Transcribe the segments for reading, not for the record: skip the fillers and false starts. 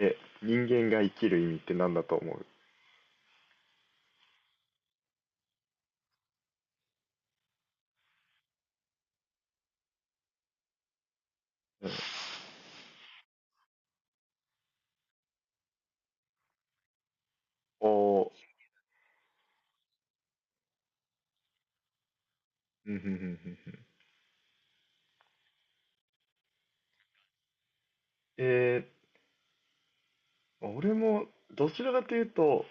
え、人間が生きる意味って何だと思う？うん。おー。うん、うん、うん、うん、うん。え俺もどちらかというと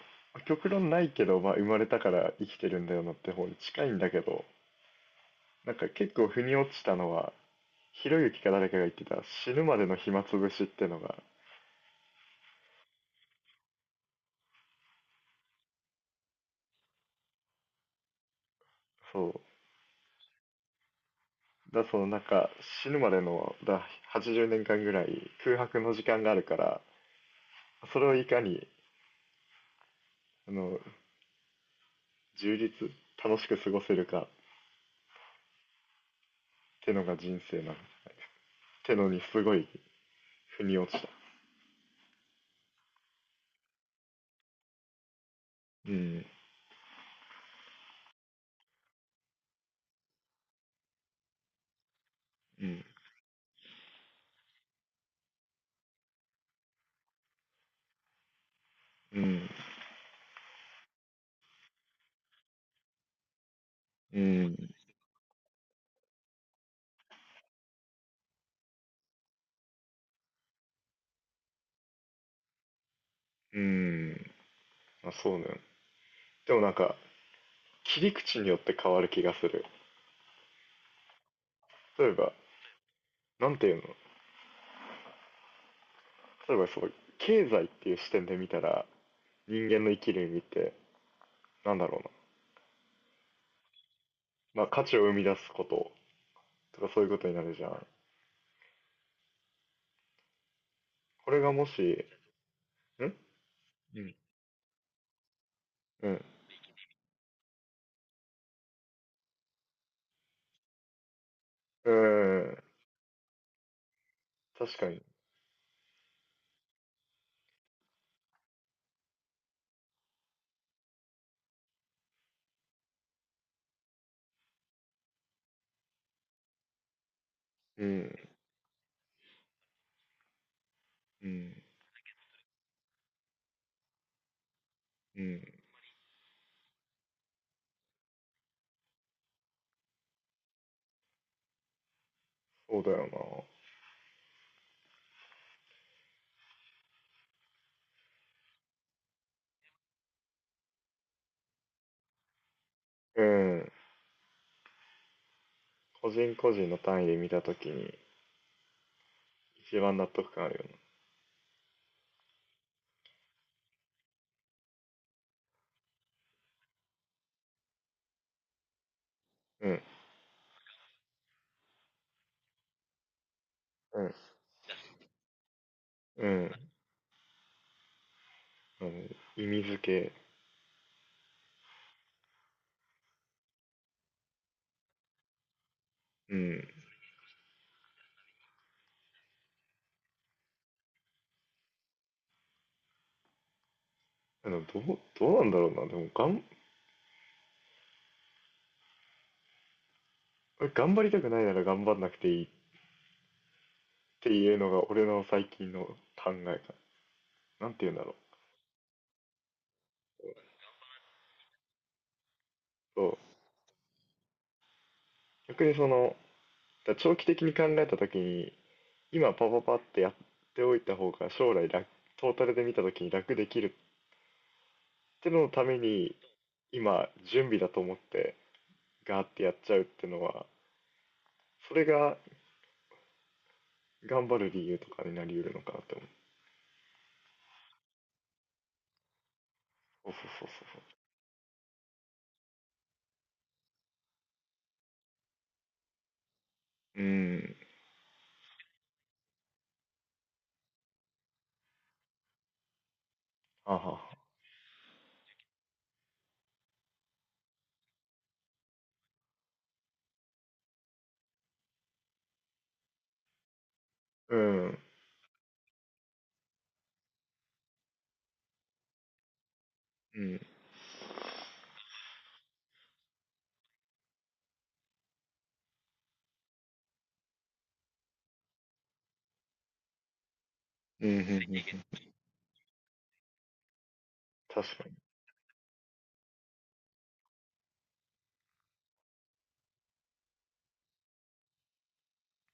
極論ないけど、まあ、生まれたから生きてるんだよなって方に近いんだけど、なんか結構腑に落ちたのはひろゆきか誰かが言ってた死ぬまでの暇つぶしってのが、そうだそのなんか死ぬまでのだ80年間ぐらい空白の時間があるから、それをいかにあの充実、楽しく過ごせるかってのが人生なんてのにすごい腑に落ちた。うん、うん、うん、うん、うん。まあ、そうね。でもなんか、切り口によって変わる気がする。例えば、なんていうの例えばそう、経済っていう視点で見たら、人間の生きる意味って、なんだろうな。まあ、価値を生み出すこととかそういうことになるじゃん。これがもし、うん。うん。うん。確かに。うん。うん。うん。そうだよな。うん。個人個人の単位で見たときに、一番納得感あるよね。うん、うん、うん。あの意味付け。うん。どうなんだろうな。でも、頑張りたくないなら頑張んなくていいっていうのが俺の最近の考えかな。なんて言うんだろう。そう。逆にその、だから長期的に考えた時に、今パパパってやっておいた方が将来楽、トータルで見た時に楽できるってののために、今、準備だと思って、ガーってやっちゃうってのは、それが頑張る理由とかになり得るのかなって思う。そうそうそうそう、うーん。はははうん。うん。うん、うん、うん。確かに。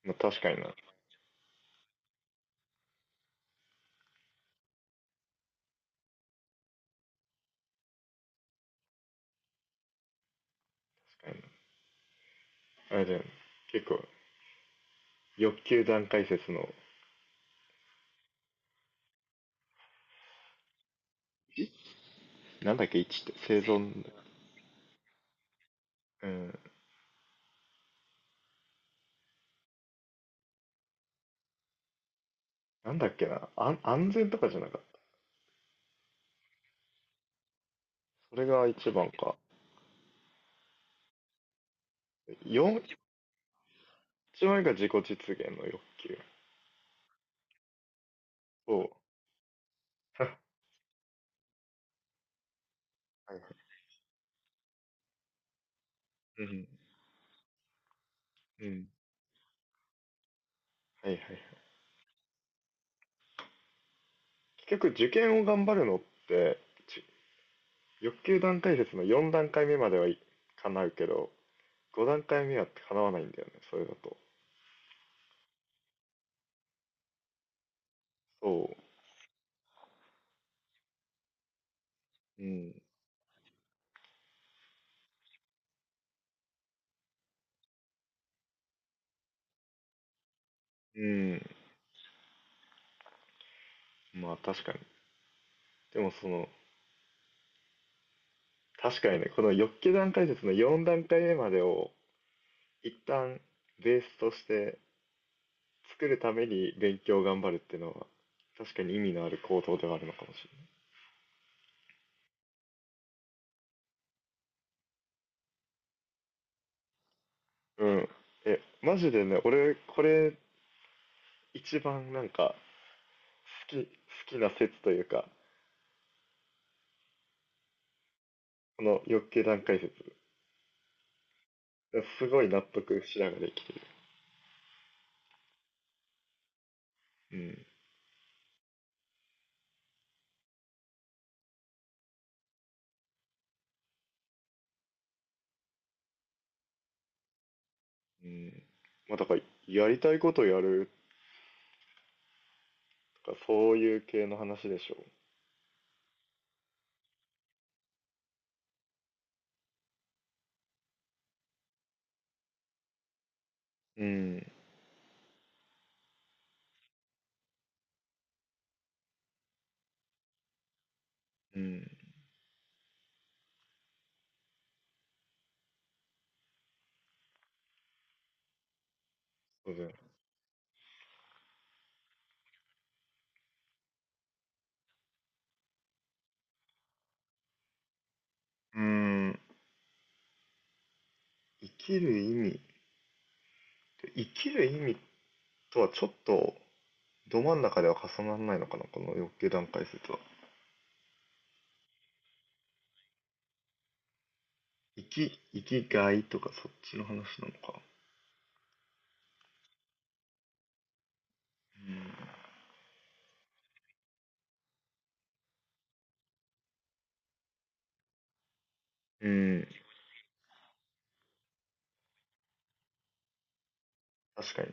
まあ、確かにな、確かにな。あれだよね。結構、欲求段階説の、なんだっけ、1って生存。うん。なんだっけな、安全とかじゃなかった。それが一番か。4、一番目が自己実現の欲求。そう。はいはい。うん。うん。はいはい。結局受験を頑張るのって、ち欲求段階説の4段階目まではい叶うけど、5段階目は叶わないんだよね、それだと。そう。うん。うん。まあ、確かに。でもその、確かにね、この欲求段階説の4段階目までを一旦ベースとして作るために勉強を頑張るっていうのは、確かに意味のある行動ではあるのかもしれない。うん。え、マジでね、俺、これ一番なんか好きな説というか、この欲求段階説、すごい納得しながら生きてる。うん。うん。まあ、だから、やりたいことやるとか、そういう系の話でしょう。うん、うん、そうだよね。うん、生きる意味、生きる意味とはちょっと、ど真ん中では重ならないのかな、この欲求段階説は。生きがいとかそっちの話なのか。うん、確かに、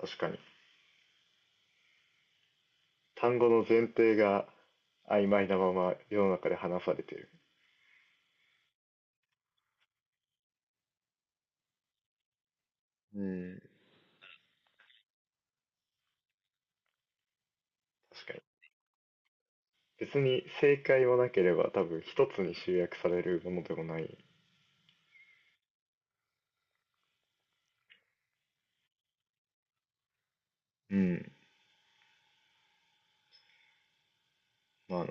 確かに。単語の前提が曖昧なまま世の中で話されてる。うん、確かに。別に正解もなければ多分一つに集約されるものでもない。うん、まあな。